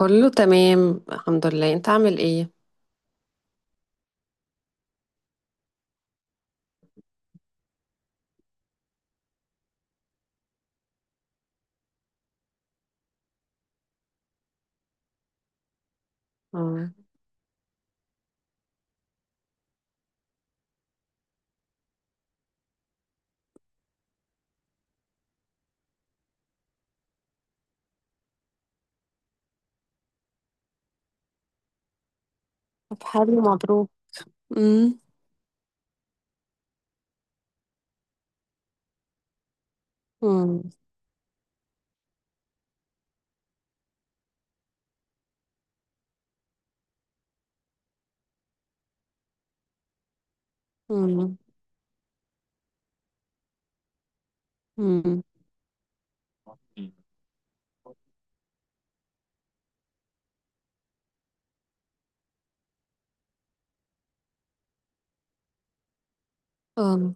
كله تمام، الحمد لله، انت عامل ايه؟ اه. طب، حلو، مبروك. امم. امم. امم. امم. اه.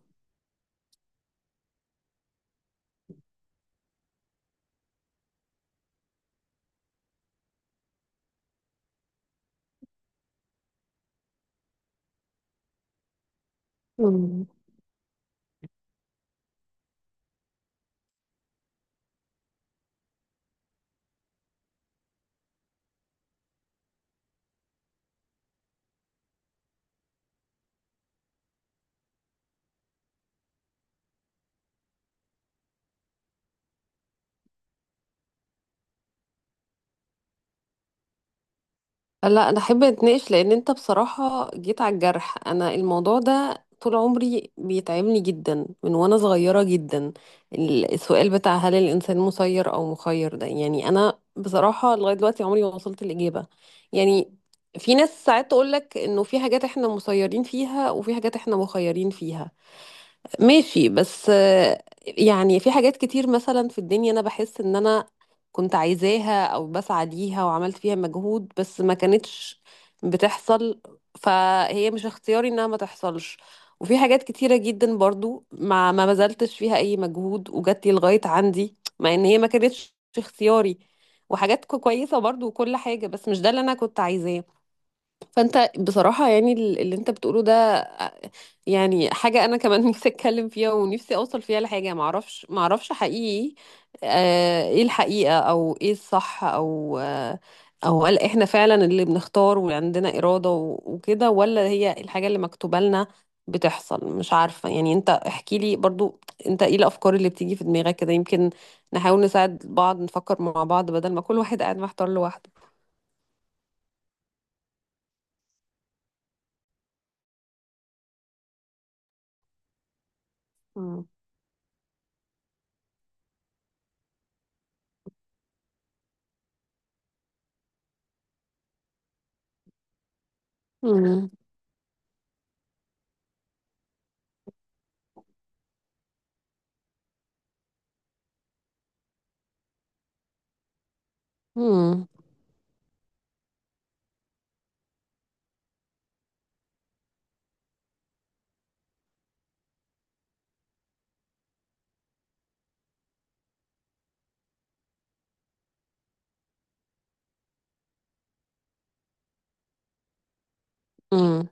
امم. لا، انا احب اتناقش، لان انت بصراحه جيت على الجرح. انا الموضوع ده طول عمري بيتعبني جدا من وانا صغيره جدا. السؤال بتاع هل الانسان مسير او مخير ده، يعني انا بصراحه لغايه دلوقتي عمري ما وصلت الاجابه. يعني في ناس ساعات تقول لك انه في حاجات احنا مسيرين فيها وفي حاجات احنا مخيرين فيها. ماشي، بس يعني في حاجات كتير مثلا في الدنيا انا بحس ان انا كنت عايزاها او بسعى ليها وعملت فيها مجهود، بس ما كانتش بتحصل، فهي مش اختياري انها ما تحصلش. وفي حاجات كتيرة جدا برضو ما بذلتش فيها اي مجهود وجات لي لغاية عندي، مع ان هي ما كانتش اختياري. وحاجات كويسة برضو وكل حاجة، بس مش ده اللي انا كنت عايزاه. فانت بصراحة يعني اللي انت بتقوله ده يعني حاجة أنا كمان نفسي أتكلم فيها ونفسي أوصل فيها لحاجة. معرفش حقيقي إيه الحقيقة أو إيه الصح، أو أو هل إحنا فعلا اللي بنختار وعندنا إرادة وكده، ولا هي الحاجة اللي مكتوبة لنا بتحصل؟ مش عارفة يعني. أنت احكي لي برضو، أنت إيه الأفكار اللي بتيجي في دماغك كده؟ يمكن نحاول نساعد بعض، نفكر مع بعض، بدل ما كل واحد قاعد محتار لوحده. مم. مم. مم. مم.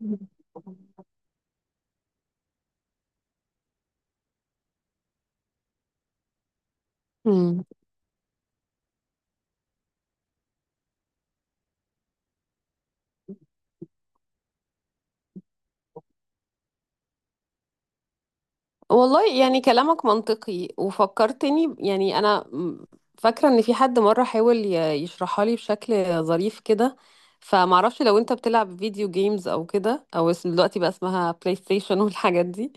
مم. مم. والله، يعني كلامك منطقي، وفكرتني يعني انا فاكره ان في حد مره حاول يشرحها لي بشكل ظريف كده. فمعرفش لو انت بتلعب فيديو جيمز او كده، او اسم دلوقتي بقى اسمها بلاي ستيشن والحاجات دي.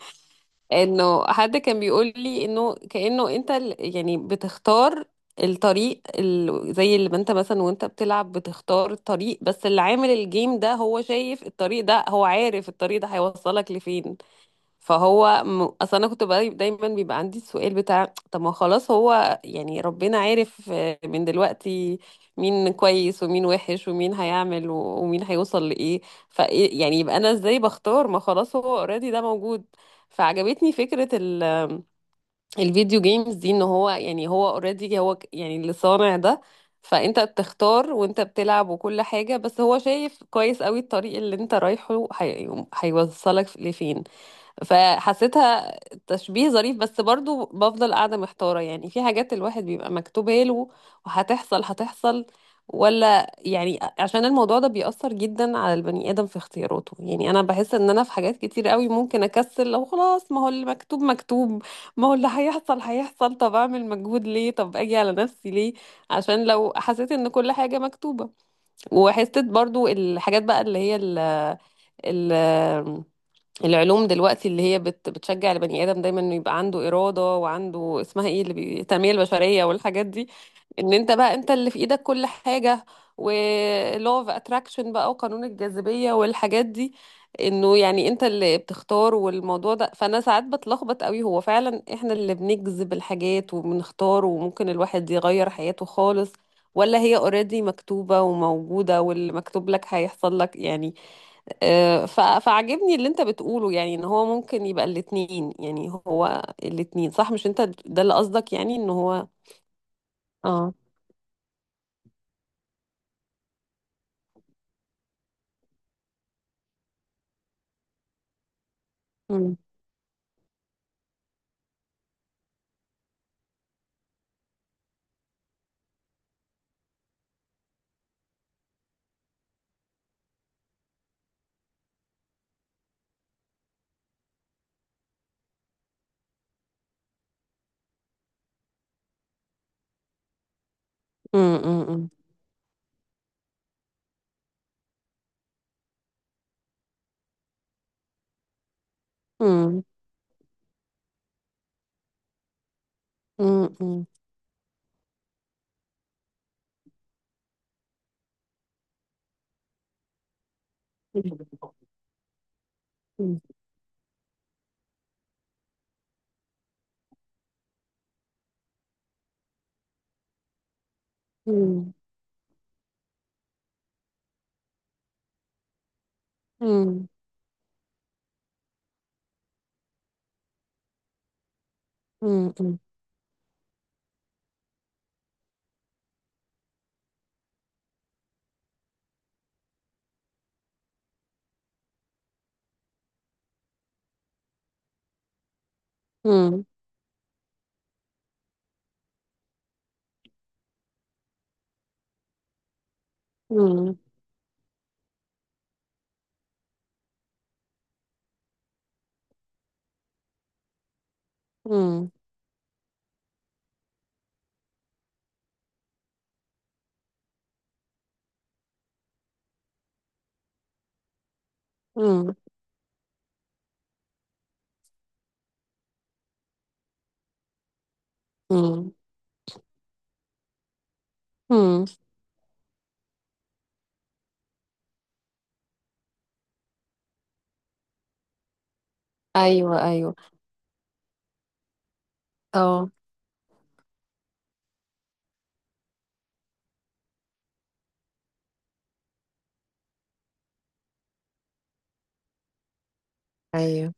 انه حد كان بيقول لي انه كانه انت يعني بتختار الطريق زي اللي ما انت مثلا وانت بتلعب بتختار الطريق، بس اللي عامل الجيم ده هو شايف الطريق ده، هو عارف الطريق ده هيوصلك لفين. فهو اصل انا كنت بقى دايما بيبقى عندي السؤال بتاع طب ما خلاص هو يعني ربنا عارف من دلوقتي مين كويس ومين وحش ومين هيعمل و، ومين هيوصل لايه. ف إيه، يعني يبقى انا ازاي بختار؟ ما خلاص هو اوريدي ده موجود. فعجبتني فكرة الفيديو جيمز دي، ان هو يعني هو اوريدي، هو يعني اللي صانع ده. فانت بتختار وانت بتلعب وكل حاجة، بس هو شايف كويس قوي الطريق اللي انت رايحه هيوصلك لفين. فحسيتها تشبيه ظريف، بس برضو بفضل قاعدة محتارة. يعني في حاجات الواحد بيبقى مكتوبة له وهتحصل هتحصل، ولا يعني عشان الموضوع ده بيأثر جدا على البني آدم في اختياراته؟ يعني أنا بحس إن أنا في حاجات كتير قوي ممكن أكسل، لو خلاص ما هو اللي مكتوب مكتوب، ما هو اللي هيحصل هيحصل. طب أعمل مجهود ليه؟ طب أجي على نفسي ليه؟ عشان لو حسيت إن كل حاجة مكتوبة، وحسيت برضو الحاجات بقى اللي هي ال ال العلوم دلوقتي اللي هي بتشجع البني آدم دايما انه يبقى عنده إرادة، وعنده اسمها ايه اللي التنمية البشرية والحاجات دي. ان انت بقى انت اللي في ايدك كل حاجة، ولو اوف اتراكشن بقى وقانون الجاذبية والحاجات دي، انه يعني انت اللي بتختار. والموضوع ده فانا ساعات بتلخبط قوي. هو فعلا احنا اللي بنجذب الحاجات وبنختار وممكن الواحد يغير حياته خالص، ولا هي اوريدي مكتوبة وموجودة واللي مكتوب لك هيحصل لك؟ يعني فعجبني اللي انت بتقوله، يعني ان هو ممكن يبقى الاتنين، يعني هو الاتنين صح. مش انت ده اللي قصدك، يعني ان هو اه مم. مم. مم. مم. مم. مم. مم. مم. مم. مم. مم. مم. مم. مم. مم. مم. ايوه، ايوه. اه. ايوه.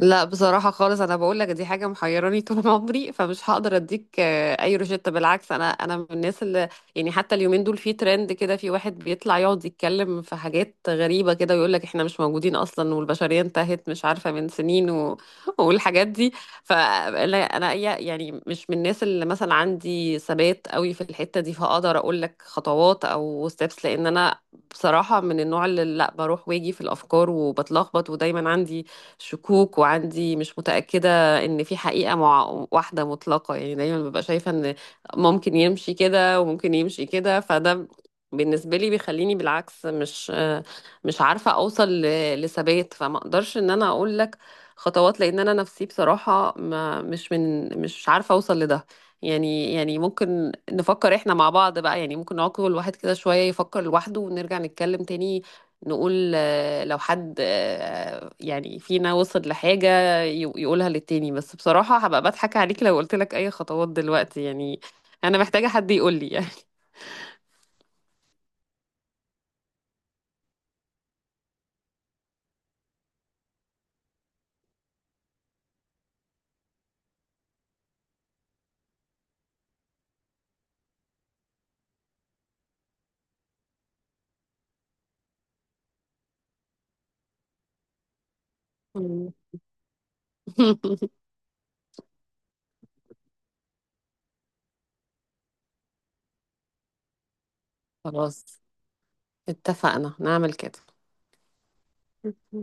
لا بصراحة خالص، أنا بقول لك دي حاجة محيراني طول عمري، فمش هقدر أديك أي روشتة. بالعكس، أنا من الناس اللي يعني حتى اليومين دول في ترند كده، في واحد بيطلع يقعد يتكلم في حاجات غريبة كده ويقول لك إحنا مش موجودين أصلا، والبشرية انتهت مش عارفة من سنين و والحاجات دي. فأنا يعني مش من الناس اللي مثلا عندي ثبات قوي في الحتة دي، فأقدر أقول لك خطوات أو ستيبس. لأن أنا بصراحة من النوع اللي لا، بروح واجي في الأفكار وبتلخبط، ودايما عندي شكوك وعندي مش متأكدة ان في حقيقة مع واحدة مطلقة. يعني دايما ببقى شايفة ان ممكن يمشي كده وممكن يمشي كده، فده بالنسبة لي بيخليني بالعكس مش عارفة اوصل لثبات. فما اقدرش ان انا اقول لك خطوات، لان انا نفسي بصراحة ما مش من مش عارفة اوصل لده. يعني ممكن نفكر احنا مع بعض بقى، يعني ممكن نقعد كل واحد كده شوية يفكر لوحده، ونرجع نتكلم تاني، نقول لو حد يعني فينا وصل لحاجة يقولها للتاني. بس بصراحة هبقى بضحك عليك لو قلت لك أي خطوات دلوقتي، يعني أنا محتاجة حد يقول لي يعني. خلاص، اتفقنا نعمل كده.